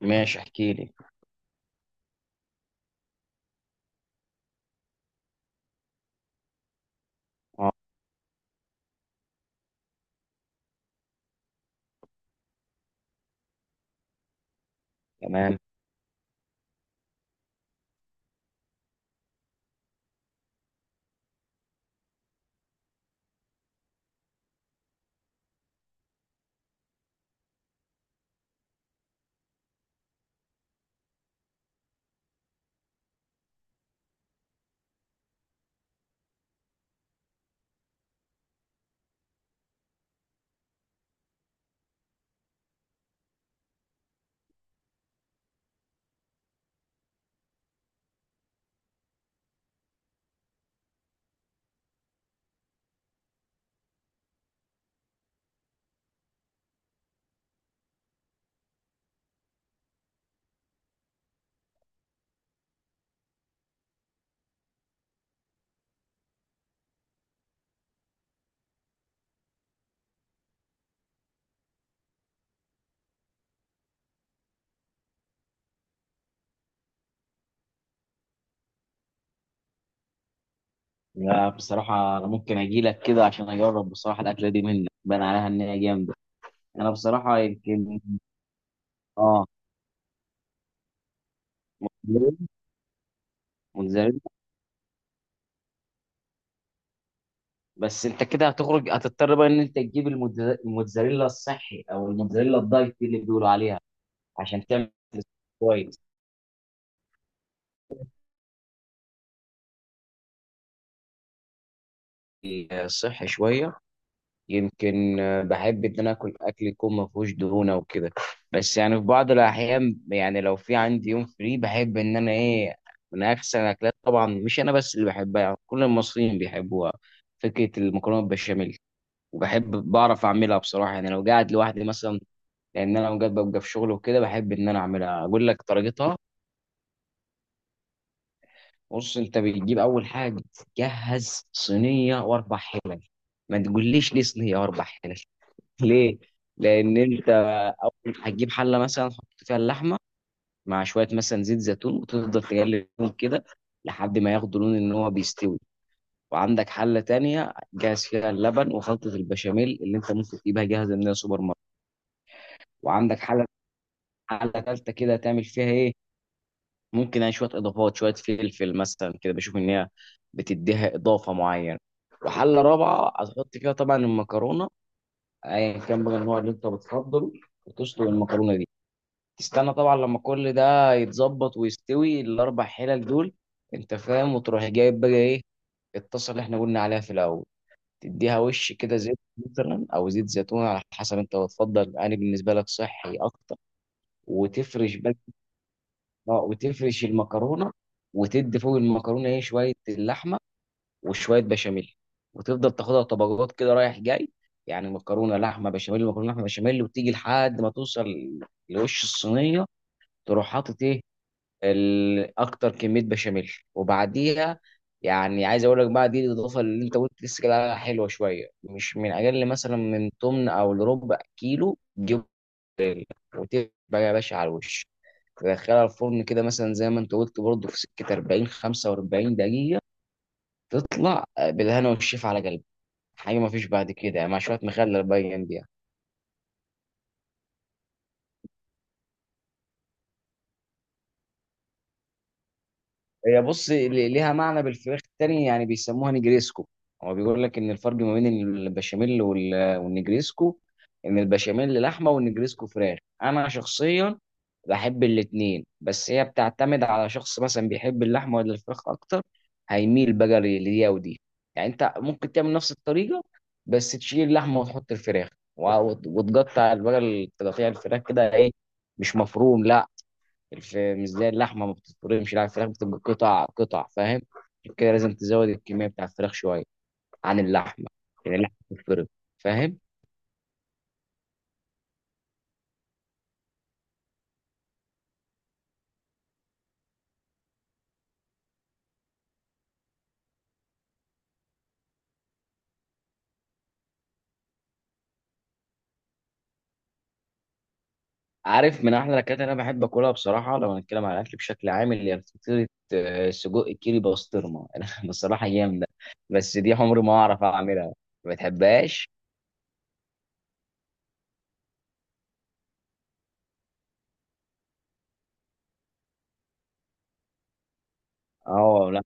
ماشي، احكي لي. اه، تمام. لا، بصراحة أنا ممكن أجي لك كده عشان أجرب. بصراحة الأكلة دي منك بان عليها إن هي جامدة. أنا بصراحة يمكن. اه، موتزاريلا. بس أنت كده هتخرج، هتضطر بقى إن أنت تجيب الموتزاريلا الصحي أو الموتزاريلا الدايت اللي بيقولوا عليها عشان تعمل. كويس. آه، صحي شوية. يمكن. بحب ان انا اكل اكل يكون ما فيهوش دهون او كده، بس يعني في بعض الاحيان، يعني لو في عندي يوم فري، بحب ان انا ايه، من احسن الاكلات، طبعا مش انا بس اللي بحبها، يعني كل المصريين بيحبوها، فكره المكرونه بالبشاميل. وبحب بعرف اعملها بصراحه، يعني لو قاعد لوحدي مثلا، لان انا اوقات ببقى في شغل وكده، بحب ان انا اعملها. اقول لك طريقتها. بص، انت بتجيب اول حاجه، جهز صينيه واربع حلل. ما تقوليش ليه صينيه واربع حلل؟ ليه؟ لأن أنت أول هتجيب حلة مثلا تحط فيها اللحمة مع شوية مثلا زيت زيتون، وتفضل تقلبهم كده لحد ما ياخدوا لون إن هو بيستوي. وعندك حلة تانية جاهز فيها اللبن وخلطة البشاميل اللي أنت ممكن تجيبها جاهزة من السوبر ماركت. وعندك حلة تالتة كده تعمل فيها إيه؟ ممكن يعني شوية إضافات، شوية فلفل مثلا كده، بشوف إن هي بتديها إضافة معينة. وحلة رابعة هتحط فيها طبعا المكرونة أيا كان بقى النوع اللي أنت بتفضله، وتسلق المكرونة دي. تستنى طبعا لما كل ده يتظبط ويستوي الاربع حلل دول، انت فاهم، وتروح جايب بقى ايه، الطاسه اللي احنا قلنا عليها في الاول، تديها وش كده زيت مثلا او زيت زيتون على حسب انت بتفضل. انا بالنسبه لك صحي اكتر. وتفرش بقى، اه، وتفرش المكرونه، وتدي فوق المكرونه ايه شويه اللحمه وشويه بشاميل، وتفضل تاخدها طبقات كده رايح جاي، يعني مكرونه لحمه بشاميل مكرونه لحمه بشاميل، وتيجي لحد ما توصل لوش الصينيه تروح حاطط ايه، اكتر كميه بشاميل، وبعديها يعني عايز اقول لك بقى دي الاضافه اللي انت قلت لسه كده عليها، حلوه شويه، مش من اقل مثلا من تمن او لربع كيلو جبن، وتبقى يا باشا على الوش. تدخلها الفرن كده مثلا زي ما انت قلت برضه في سكه 40 45 دقيقه، تطلع بالهنا والشفا على قلبك. حاجه ما فيش بعد كده، مع شويه مخلل بقى جنبيها. هي بص ليها معنى بالفراخ التاني يعني بيسموها نجريسكو. هو بيقول لك ان الفرق ما بين البشاميل والنجريسكو ان البشاميل لحمه والنجريسكو فراخ. انا شخصيا بحب الاتنين، بس هي بتعتمد على شخص مثلا بيحب اللحمه ولا الفراخ اكتر، هيميل بقى لدي ودي. يعني انت ممكن تعمل نفس الطريقه بس تشيل اللحمه وتحط الفراخ، وتقطع بقى تقطيع الفراخ كده ايه، مش مفروم، لا، مش زي اللحمه ما بتتفرمش، لا، الفراخ بتبقى قطع قطع، فاهم. عشان كده لازم تزود الكميه بتاع الفراخ شويه عن اللحمه، لان اللحمه بتتفرم، فاهم. عارف من احلى الاكلات اللي انا بحب اكلها بصراحه، لو هنتكلم على الاكل بشكل عام، اللي هي فطيره سجق كيري بسطرمه، انا بصراحه جامده، بس دي عمري ما اعرف اعملها. ما بتحبهاش. اه، لا.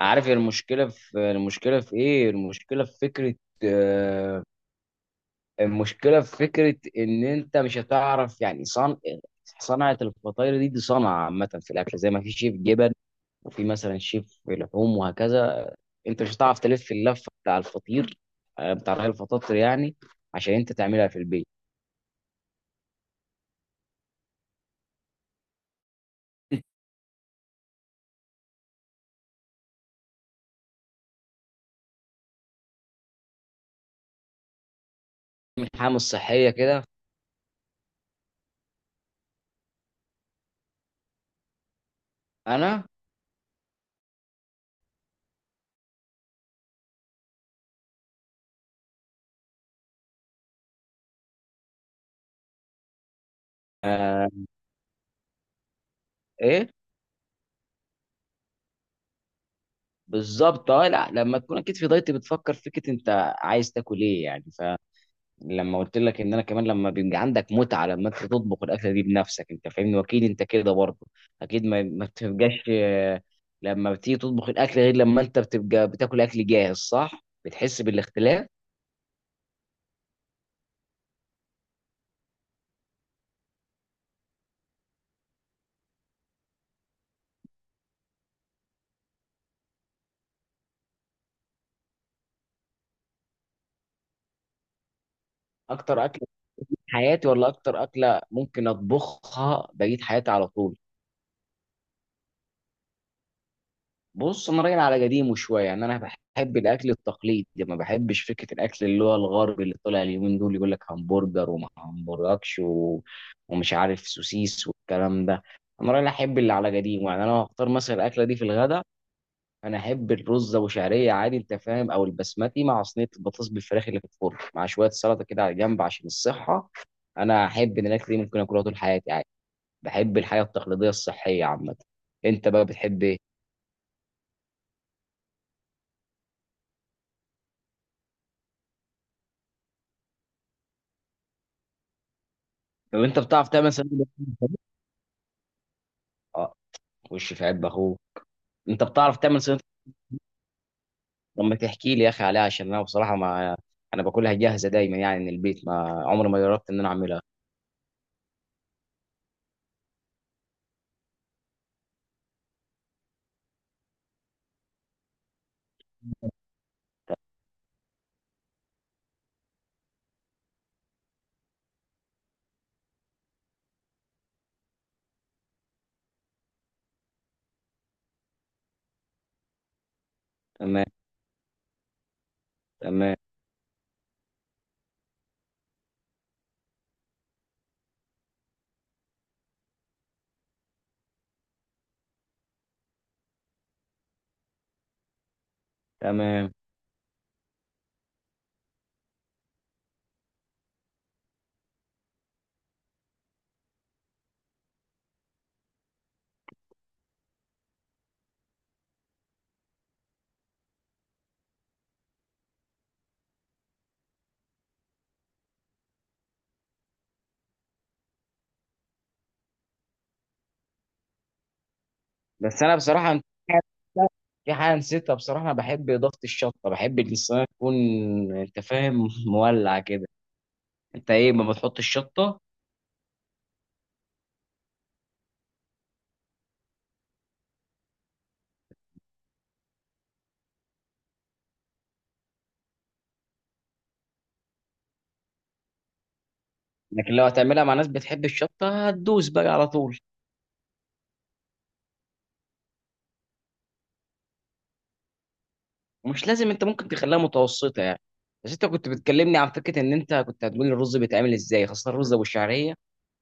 عارف المشكله في، المشكله في ايه المشكله في فكره، آه، المشكله في فكره ان انت مش هتعرف يعني صنعه الفطاير دي. دي صنعه عامه في الاكل زي ما في شيف جبن وفي مثلا شيف لحوم وهكذا. انت مش هتعرف تلف اللفه بتاع الفطير، بتاع رغيف الفطاطر يعني، عشان انت تعملها في البيت. من حاجه مش صحيه كده. انا. آه. ايه. بالظبط. اه، لا، لما تكون اكيد في دايت بتفكر فكره انت عايز تاكل ايه يعني. لما قلت لك ان انا كمان لما بيبقى عندك متعه لما انت تطبخ الاكله دي بنفسك، انت فاهمني، واكيد انت كده برضه، اكيد ما بتبقاش، لما بتيجي تطبخ الاكل غير لما انت بتبقى بتاكل اكل جاهز، صح، بتحس بالاختلاف. اكتر اكل في حياتي، ولا اكتر اكله ممكن اطبخها بقيت حياتي على طول؟ بص انا راجل على قديمه شويه، يعني انا بحب الاكل التقليدي، ما بحبش فكره الاكل اللي هو الغربي اللي طلع اليومين دول يقول لك همبرجر وما همبرجكش و... ومش عارف سوسيس والكلام ده. انا راجل احب اللي على قديمه، يعني انا لو هختار مثلا الاكله دي في الغداء، انا احب الرز ابو شعريه عادي، انت فاهم، او البسمتي، مع صينيه البطاطس بالفراخ اللي في الفرن، مع شويه سلطه كده على جنب عشان الصحه. انا احب ان الاكل دي ممكن اكلها طول حياتي عادي. بحب الحياه التقليديه الصحيه عامه. انت بقى بتحب إيه؟ لو انت بتعرف تعمل صينيه لحمة. اه. وش في عيب اخوه، انت بتعرف تعمل صينيه لحمة؟ لما تحكي لي يا اخي عليها، عشان انا بصراحه ما، انا باكلها جاهزه دايما يعني من البيت، ما عمري ما جربت ان انا اعملها. تمام. تمام. تمام. بس انا بصراحه في حاجه نسيتها، بصراحه انا بحب اضافه الشطه، بحب ان الصينيه تكون، انت فاهم، مولع كده. انت ايه ما بتحط الشطه؟ لكن لو هتعملها مع ناس بتحب الشطه هتدوس بقى على طول. مش لازم، انت ممكن تخليها متوسطه يعني. بس انت كنت بتكلمني عن فكره ان انت كنت هتقول لي الرز بيتعمل ازاي، خاصه الرز ابو الشعريه،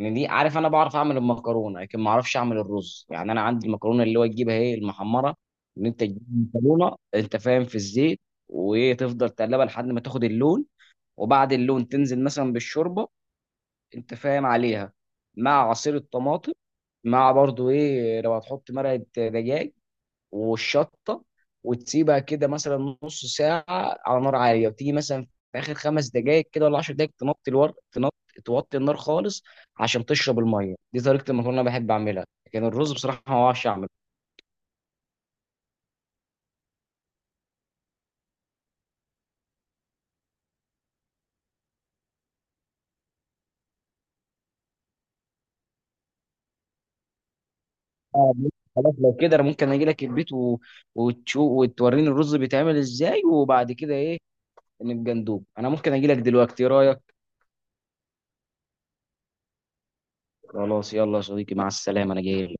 ان دي عارف، انا بعرف اعمل المكرونه لكن ما اعرفش اعمل الرز، يعني انا عندي المكرونه اللي هو تجيبها ايه المحمره، ان انت تجيب المكرونه انت فاهم في الزيت، وتفضل تقلبها لحد ما تاخد اللون، وبعد اللون تنزل مثلا بالشوربه، انت فاهم عليها، مع عصير الطماطم، مع برضو ايه لو هتحط مرقه دجاج والشطه، وتسيبها كده مثلا نص ساعه على نار عاليه، وتيجي مثلا في اخر 5 دقائق كده ولا 10 دقائق تنطي الورق تنط، توطي النار خالص عشان تشرب الميه. دي طريقه المكرونه انا بحب اعملها، لكن الرز بصراحه ما بعرفش اعمله. آه، خلاص، لو كده انا ممكن اجي لك البيت و... وتوريني الرز بيتعمل ازاي، وبعد كده ايه نبقى ندوب. انا ممكن اجي لك دلوقتي، ايه رايك؟ خلاص يلا يا صديقي، مع السلامه، انا جاي.